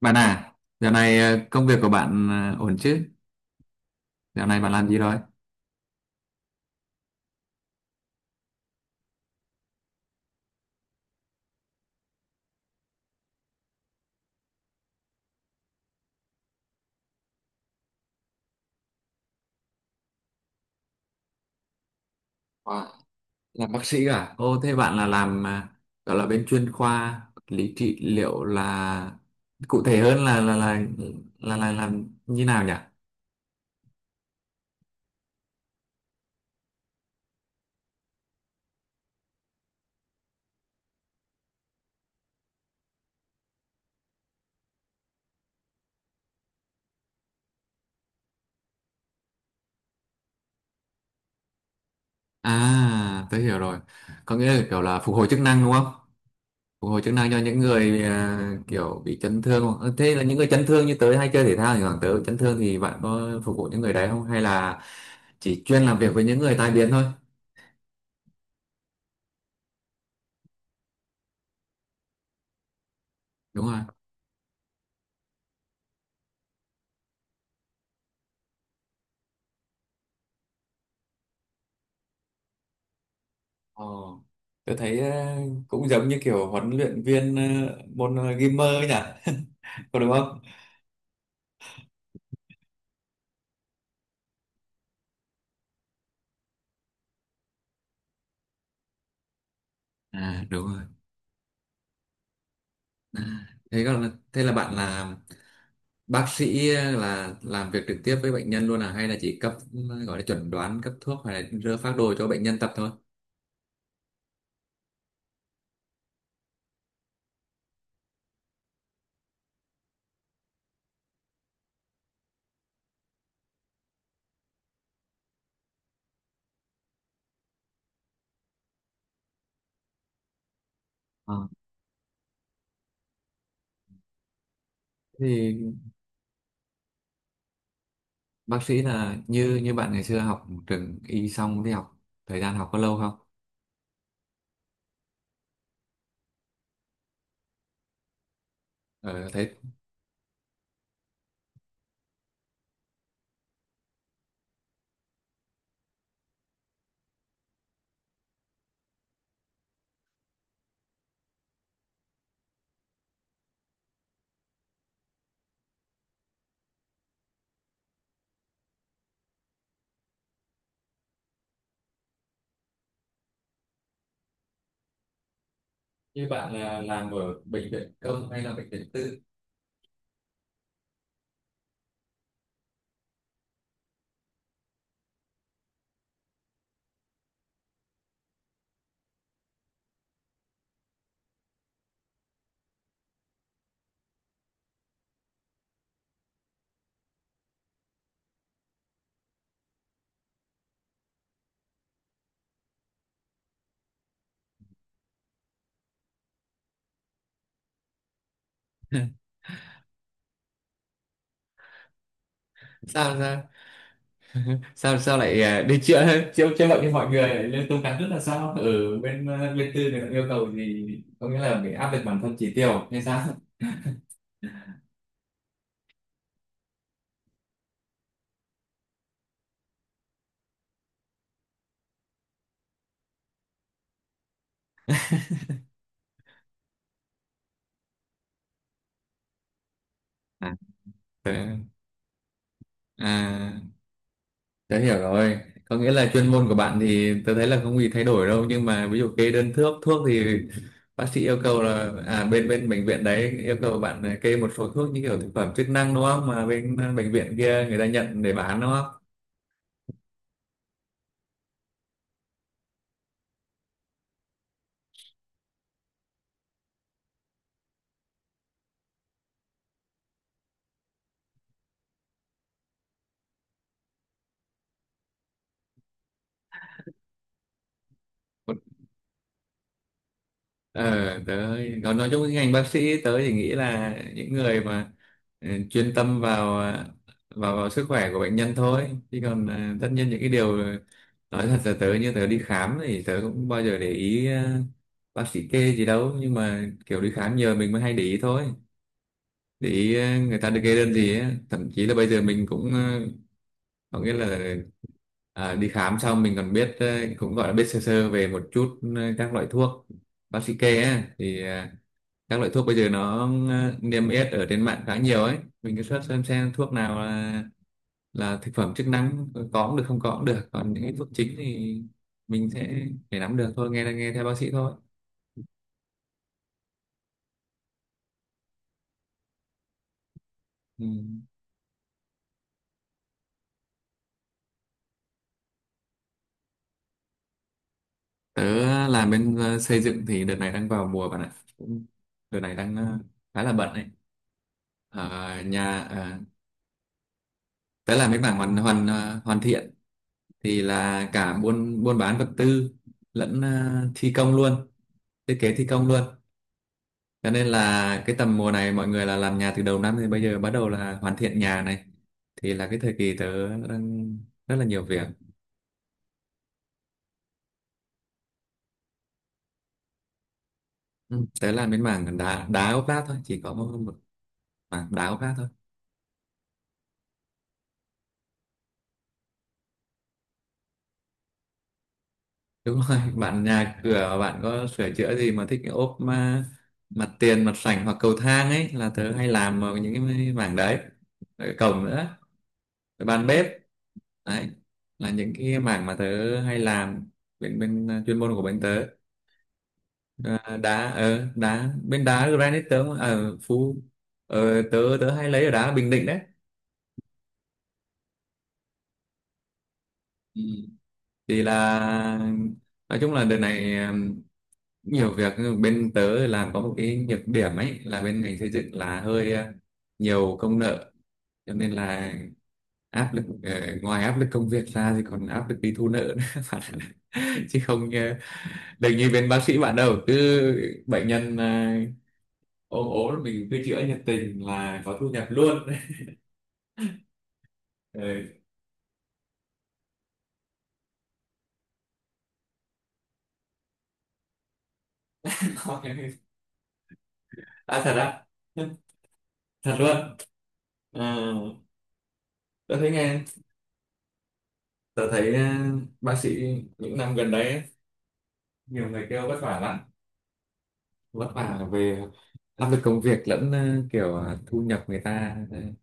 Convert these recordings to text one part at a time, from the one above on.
Bạn à, dạo này công việc của bạn ổn chứ? Dạo này bạn làm gì rồi? Wow, làm bác sĩ à? Ô, thế bạn là làm gọi là bên chuyên khoa lý trị liệu là cụ thể hơn là làm như nào nhỉ? À, tôi hiểu rồi. Có nghĩa là kiểu là phục hồi chức năng đúng không? Phục hồi chức năng cho những người kiểu bị chấn thương. Ờ, Thế là những người chấn thương như tớ hay chơi thể thao, thì khoảng tớ bị chấn thương thì bạn có phục vụ những người đấy không? Hay là chỉ chuyên làm việc với những người tai biến thôi? Đúng rồi. Ờ, tôi thấy cũng giống như kiểu huấn luyện viên môn gamer ấy nhỉ, có đúng không? À, đúng rồi. Thế còn, thế là bạn là bác sĩ là làm việc trực tiếp với bệnh nhân luôn à, hay là chỉ cấp, gọi là chuẩn đoán cấp thuốc, hay là đưa phác đồ cho bệnh nhân tập thôi? Ờ, thì bác sĩ là như như bạn ngày xưa học trường y xong thì học, thời gian học có lâu không? Ờ, Thấy như bạn là làm ở bệnh viện công hay là bệnh viện tư? Sao sao sao sao lại đi chữa chữa chữa bệnh cho mọi người lại lên tố cán, rất là sao ở bên tư thì ta yêu cầu gì, có nghĩa là phải áp lực bản thân chỉ tiêu hay sao? À, à tớ hiểu rồi. Có nghĩa là chuyên môn của bạn thì tớ thấy là không gì thay đổi đâu, nhưng mà ví dụ kê đơn thuốc thuốc thì bác sĩ yêu cầu là bên bên bệnh viện đấy yêu cầu bạn kê một số thuốc như kiểu thực phẩm chức năng đúng không, mà bên bệnh viện kia người ta nhận để bán đúng không? Ờ tớ còn, nói chung cái ngành bác sĩ tớ thì nghĩ là những người mà chuyên tâm vào vào vào sức khỏe của bệnh nhân thôi, chứ còn tất nhiên những cái điều, nói thật là tớ, như tớ đi khám thì tớ cũng bao giờ để ý bác sĩ kê gì đâu, nhưng mà kiểu đi khám nhờ mình mới hay để ý thôi, để ý người ta được kê đơn gì á, thậm chí là bây giờ mình cũng có nghĩa là đi khám xong mình còn biết cũng gọi là biết sơ sơ về một chút các loại thuốc bác sĩ kê ấy, thì các loại thuốc bây giờ nó niêm yết ở trên mạng khá nhiều ấy, mình cứ search xem thuốc nào là thực phẩm chức năng, có cũng được không có cũng được, còn những cái thuốc chính thì mình sẽ để nắm được thôi, nghe nghe theo bác sĩ thôi. Ừ. Tớ làm bên xây dựng thì đợt này đang vào mùa bạn ạ. Cũng- Đợt này đang khá là bận ấy, ở nhà đó làm mấy mảng hoàn hoàn à, hoàn thiện, thì là cả buôn buôn bán vật tư lẫn thi công luôn, thiết kế thi công luôn. Cho nên là cái tầm mùa này mọi người là làm nhà từ đầu năm thì bây giờ bắt đầu là hoàn thiện nhà này, thì là cái thời kỳ tớ đang rất là nhiều việc. Ừ, tớ làm bên mảng đá đá ốp lát thôi, chỉ có một mảng đá ốp lát thôi. Đúng rồi, bạn nhà cửa bạn có sửa chữa gì mà thích cái ốp mà mặt tiền, mặt sảnh hoặc cầu thang ấy, là tớ hay làm ở những cái mảng đấy. Ở cổng nữa, rồi bàn bếp, đấy là những cái mảng mà tớ hay làm bên bên à, chuyên môn của bên tớ. À, đá bên đá granite tớ ở phú. Ờ, tớ tớ hay lấy ở đá Bình Định đấy. Ừ. Thì là nói chung là đợt này nhiều việc, bên tớ làm có một cái nhược điểm ấy là bên ngành xây dựng là hơi nhiều công nợ, cho nên là áp lực ngoài áp lực công việc ra thì còn áp lực đi thu nợ nữa bạn ạ. Chứ không đừng như bên bác sĩ bạn đâu, cứ bệnh nhân ốm ốm là mình cứ chữa nhiệt tình là có thu nhập luôn ừ. À, thật á? Thật luôn. Ờ, tớ thấy nghe Tớ thấy bác sĩ những năm gần đấy ấy, nhiều người kêu vất vả lắm, vất vả về áp lực công việc lẫn kiểu thu nhập người ta. Đấy.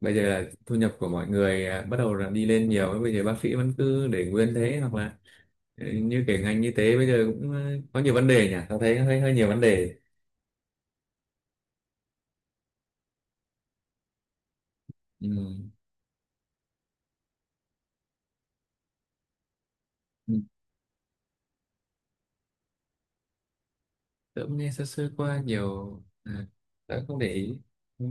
Bây giờ là thu nhập của mọi người bắt đầu là đi lên nhiều, bây giờ bác sĩ vẫn cứ để nguyên thế, hoặc là như cái ngành y tế bây giờ cũng có nhiều vấn đề nhỉ, tớ thấy hơi hơi nhiều vấn đề. Ừ. Ừ. Tớ cũng nghe sơ sơ qua nhiều, à, tớ không để ý. Ừ.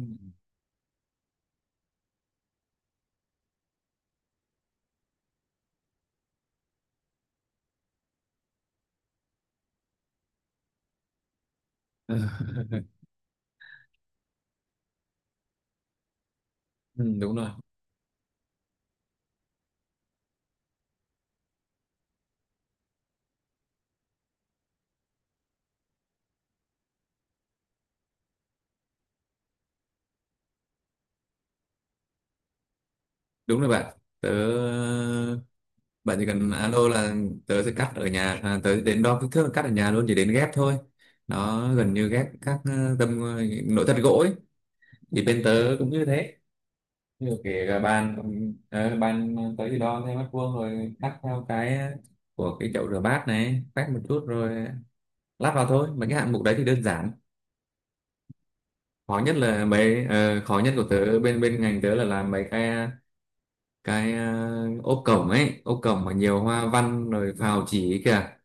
Ừ, đúng rồi bạn. Bạn chỉ cần alo là tớ sẽ cắt ở nhà, à, tớ đến đo kích thước là cắt ở nhà luôn, chỉ đến ghép thôi, nó gần như ghép các tấm nội thất gỗ ấy, thì bên tớ cũng như thế, như kể cả bàn tớ thì đo theo mét vuông rồi cắt theo cái của cái chậu rửa bát này, quét một chút rồi lắp vào thôi, mấy cái hạng mục đấy thì đơn giản. Khó nhất là mấy ờ, Khó nhất của tớ bên bên ngành tớ là làm mấy cái ốp cổng ấy, ốp cổng mà nhiều hoa văn rồi phào chỉ ấy kìa,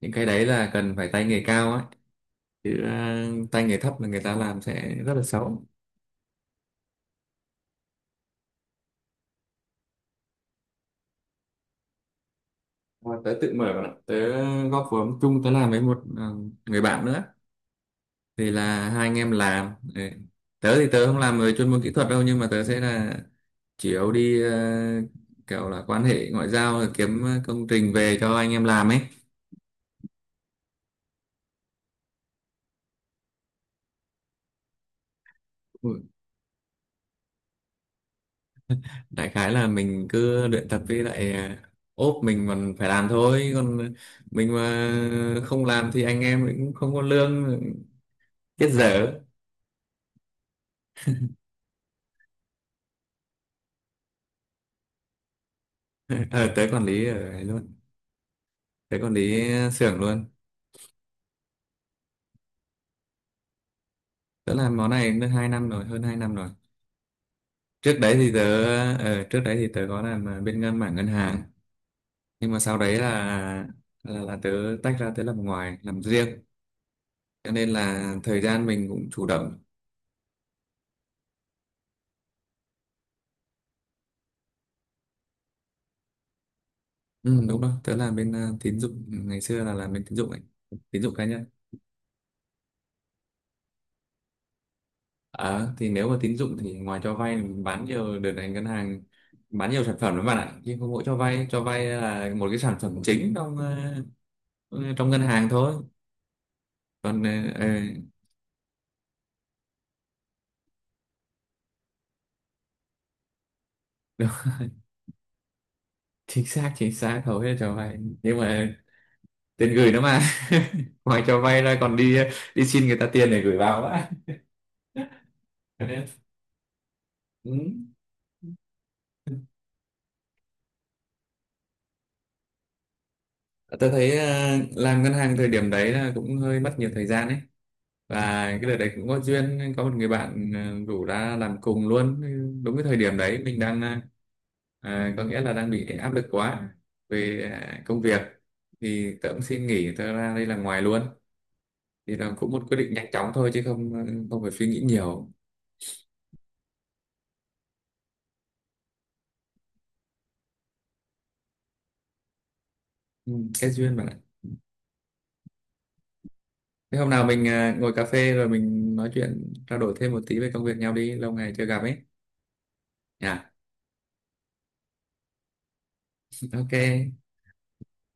những cái đấy là cần phải tay nghề cao ấy, chứ tay nghề thấp là người ta làm sẽ rất là xấu. Mà tớ tự mở bạn ạ. Tớ góp vốn chung, tớ làm với một người bạn nữa, thì là hai anh em làm đấy. Tớ thì tớ không làm về chuyên môn kỹ thuật đâu, nhưng mà tớ sẽ là chủ yếu đi kiểu là quan hệ ngoại giao kiếm công trình về cho anh em làm ấy. Đại khái là mình cứ luyện tập, với lại ốp mình còn phải làm thôi, còn mình mà không làm thì anh em cũng không có lương, chết dở ờ, tới quản lý ở ấy luôn Tới quản lý xưởng luôn. Tớ làm món này được 2 năm rồi, hơn 2 năm rồi. trước đấy thì tớ Trước đấy thì tớ có làm bên mảng ngân hàng, nhưng mà sau đấy là tớ tách ra, tớ làm ngoài làm riêng, cho nên là thời gian mình cũng chủ động. Ừ, đúng rồi, tớ làm bên tín dụng, ngày xưa là làm bên tín dụng ấy, tín dụng cá nhân. Ờ, thì nếu mà tín dụng thì ngoài cho vay mình bán nhiều, đợt này ngân hàng bán nhiều sản phẩm lắm bạn ạ, nhưng không mỗi cho vay là một cái sản phẩm chính trong ngân hàng thôi. Còn ờ, đúng, chính xác hầu hết cho vay, nhưng mà tiền gửi nó mà ngoài cho vay ra còn đi đi xin người ta tiền để gửi vào á. Cho nên, Ừ. Tôi thấy làm ngân hàng thời điểm đấy là cũng hơi mất nhiều thời gian ấy, và cái đợt đấy cũng có duyên, có một người bạn rủ ra làm cùng luôn, đúng cái thời điểm đấy mình đang có nghĩa là đang bị áp lực quá về công việc, thì tớ cũng xin nghỉ tớ ra đây làm ngoài luôn, thì là cũng một quyết định nhanh chóng thôi, chứ không phải suy nghĩ nhiều. Ừ, cái duyên bạn ạ. Thế hôm nào mình ngồi cà phê rồi mình nói chuyện, trao đổi thêm một tí về công việc nhau, đi lâu ngày chưa gặp ấy nhá. OK,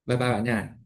bye bye bạn nhá.